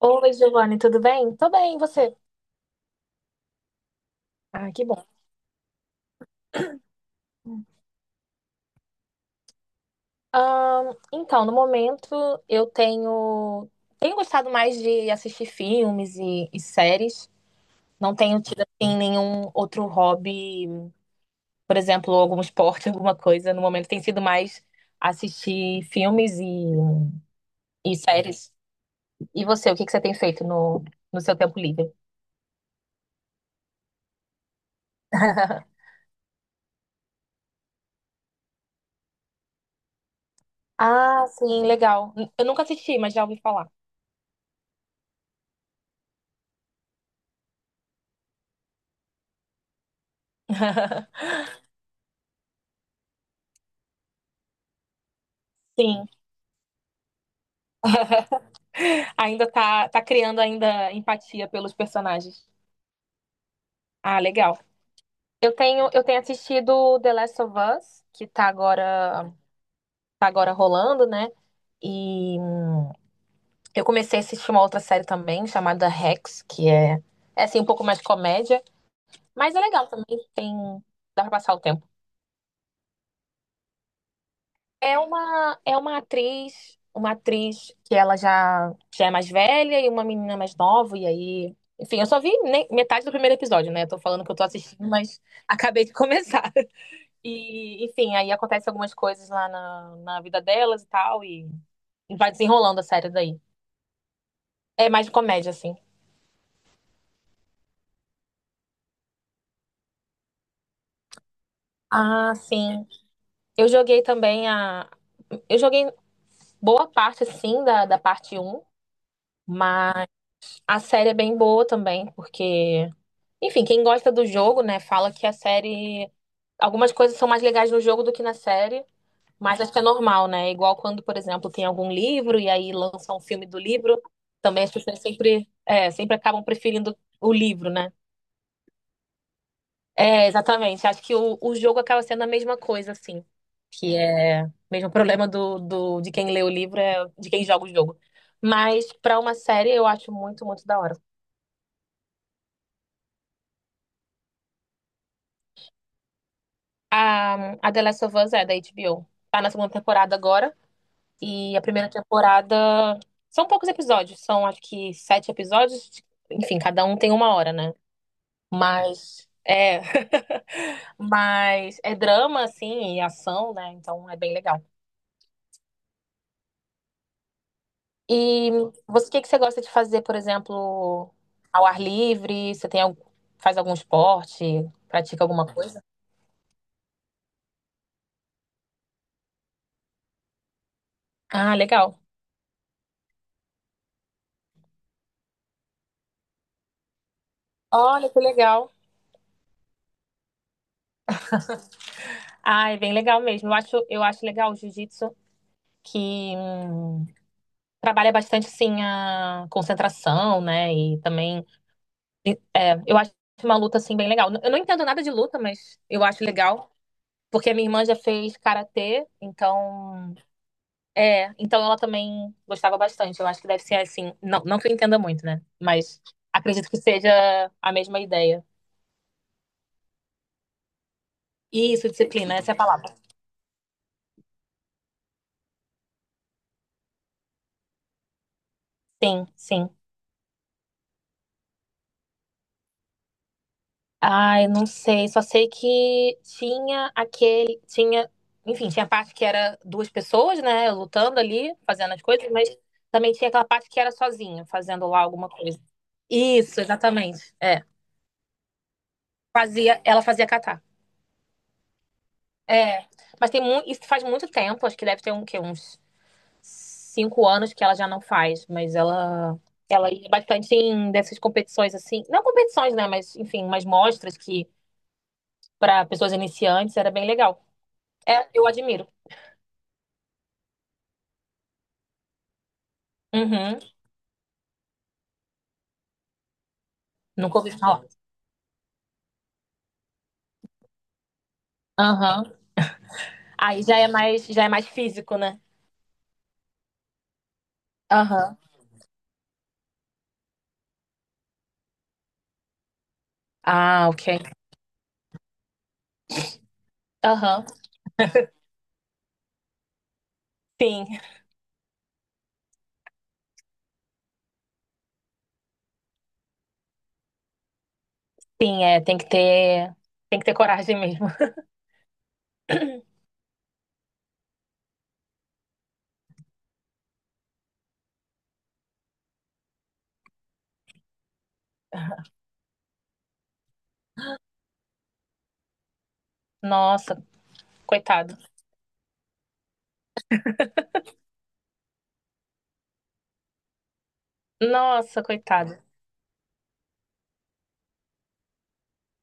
Oi, Giovanni, tudo bem? Tô bem, e você? Ah, que bom. Então, no momento, eu tenho, tenho gostado mais de assistir filmes e séries. Não tenho tido, assim, nenhum outro hobby, por exemplo, algum esporte, alguma coisa. No momento tem sido mais assistir filmes e séries. E você, o que que você tem feito no seu tempo livre? Ah, sim, legal. Eu nunca assisti, mas já ouvi falar. Sim. Ainda tá criando ainda empatia pelos personagens. Ah, legal. Eu tenho assistido The Last of Us, que tá agora rolando, né? E eu comecei a assistir uma outra série também, chamada Rex, é assim, um pouco mais comédia, mas é legal também, tem, dá pra passar o tempo. É uma atriz que ela já é mais velha e uma menina mais nova, e aí. Enfim, eu só vi metade do primeiro episódio, né? Tô falando que eu tô assistindo, mas acabei de começar. E, enfim, aí acontecem algumas coisas lá na vida delas e tal, e vai desenrolando a série daí. É mais de comédia, assim. Ah, sim. Eu joguei também a. Eu joguei boa parte, assim, da parte um. Mas a série é bem boa também, porque. Enfim, quem gosta do jogo, né, fala que a série. Algumas coisas são mais legais no jogo do que na série, mas acho que é normal, né? É igual quando, por exemplo, tem algum livro e aí lança um filme do livro, também as pessoas sempre, sempre acabam preferindo o livro, né? É, exatamente. Acho que o jogo acaba sendo a mesma coisa, assim. Que é o mesmo problema de quem lê o livro, é de quem joga o jogo. Mas pra uma série, eu acho muito, muito da hora. A The Last of Us é da HBO. Tá na segunda temporada agora. E a primeira temporada. São poucos episódios, são acho que sete episódios. Enfim, cada um tem uma hora, né? Mas. É. Mas é drama, assim, e ação, né? Então é bem legal. E você, o que que você gosta de fazer, por exemplo, ao ar livre? Você tem, faz algum esporte? Pratica alguma coisa? Ah, legal. Olha que legal. Ah, é bem legal mesmo. Eu acho legal o jiu-jitsu, que trabalha bastante assim a concentração, né? E também eu acho uma luta assim bem legal. Eu não entendo nada de luta, mas eu acho legal. Porque a minha irmã já fez karatê, então. É, então ela também gostava bastante. Eu acho que deve ser assim. Não, não que eu entenda muito, né? Mas acredito que seja a mesma ideia. Isso, disciplina, essa é a palavra. Sim, sim. Ai, não sei, só sei que enfim, tinha a parte que era duas pessoas, né, lutando ali, fazendo as coisas, mas também tinha aquela parte que era sozinha, fazendo lá alguma coisa. Isso, exatamente. É. Ela fazia catar. É. Mas tem muito, isso faz muito tempo, acho que deve ter uns cinco anos que ela já não faz, mas ela ia bastante em dessas competições assim, não competições, né, mas enfim, umas mostras que para pessoas iniciantes era bem legal. É, eu admiro. Uhum. Nunca ouvi falar. Aham. Aí já é mais físico, né? Aham. Ah, ok. Aham. Sim. Sim, é, tem que ter coragem mesmo. Nossa, coitado. Nossa, coitado.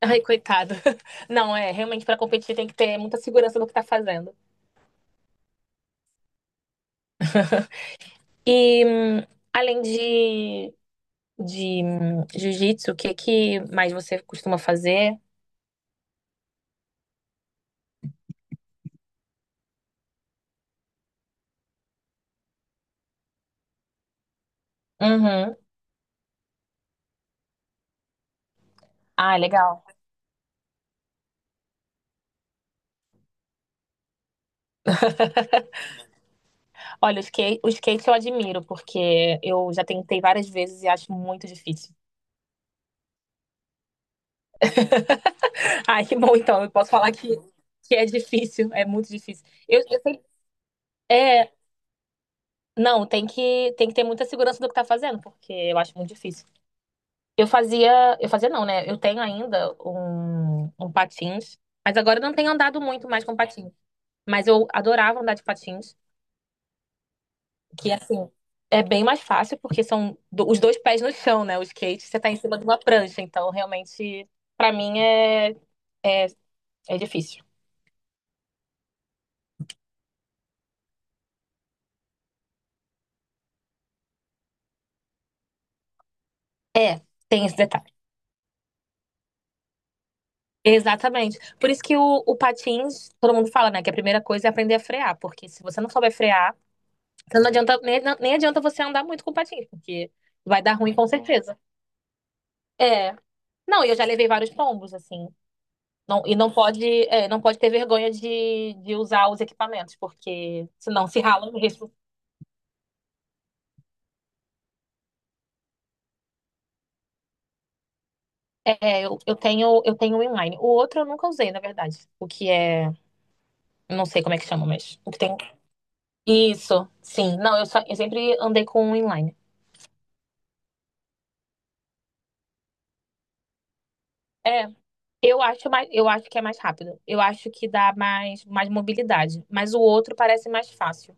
Ai, coitado. Não, é, realmente para competir tem que ter muita segurança do que tá fazendo. E além de jiu-jitsu, o que que mais você costuma fazer? Uhum. Ah, legal. Olha, o skate eu admiro, porque eu já tentei várias vezes e acho muito difícil. Ai, que bom, então, eu posso falar que é difícil, é muito difícil. É, não, tem que ter muita segurança do que tá fazendo, porque eu acho muito difícil. Eu fazia não, né? Eu tenho ainda um patins, mas agora eu não tenho andado muito mais com patins. Mas eu adorava andar de patins. Que assim, é bem mais fácil, porque são os dois pés no chão, né? O skate, você tá em cima de uma prancha, então realmente, pra mim, é, é difícil. É, tem esse detalhe. Exatamente. Por isso que o patins, todo mundo fala, né? Que a primeira coisa é aprender a frear, porque se você não souber frear, então não adianta, nem adianta você andar muito com patins, porque vai dar ruim com certeza. É. Não, e eu já levei vários tombos, assim. Não, e não pode ter vergonha de usar os equipamentos, porque senão se rala mesmo. É, eu tenho um inline. O outro eu nunca usei, na verdade. O que é. Eu não sei como é que chama, mas. O que tem. Isso, sim. Não, eu, só, eu sempre andei com um inline. É, eu acho que é mais rápido. Eu acho que dá mais, mais mobilidade. Mas o outro parece mais fácil.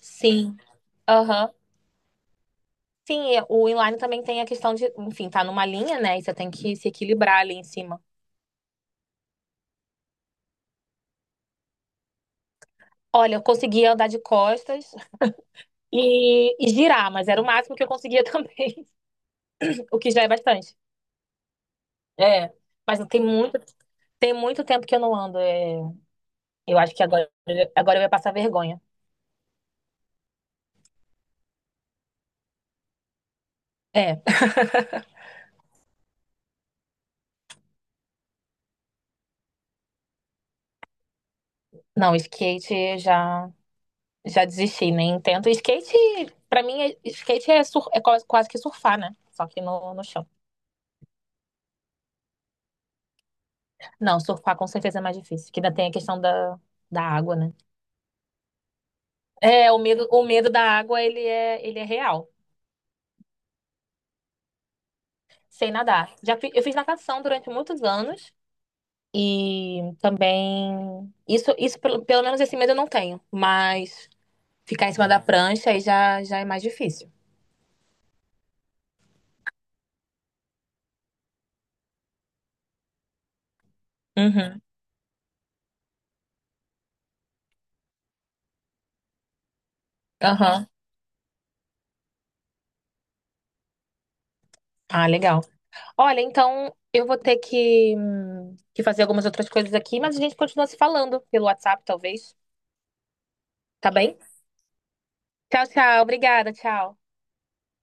Sim. Aham. Sim, é, o inline também tem a questão de, enfim, tá numa linha, né? E você tem que se equilibrar ali em cima. Olha, eu conseguia andar de costas e girar, mas era o máximo que eu conseguia também, o que já é bastante. É, mas tem muito tempo que eu não ando. Eu acho que agora eu ia passar vergonha. É, não, skate eu já desisti, nem tento. Skate, pra mim, é quase, que surfar, né? Só que no chão. Não, surfar com certeza é mais difícil, que ainda tem a questão da água, né? É, o medo da água, ele é real. Sei nadar. Eu fiz natação durante muitos anos e também isso pelo menos esse medo eu não tenho, mas ficar em cima da prancha aí já é mais difícil. Uhum. Aham. Ah, legal. Olha, então eu vou ter que fazer algumas outras coisas aqui, mas a gente continua se falando pelo WhatsApp, talvez. Tá bem? Tchau, tchau. Obrigada, tchau.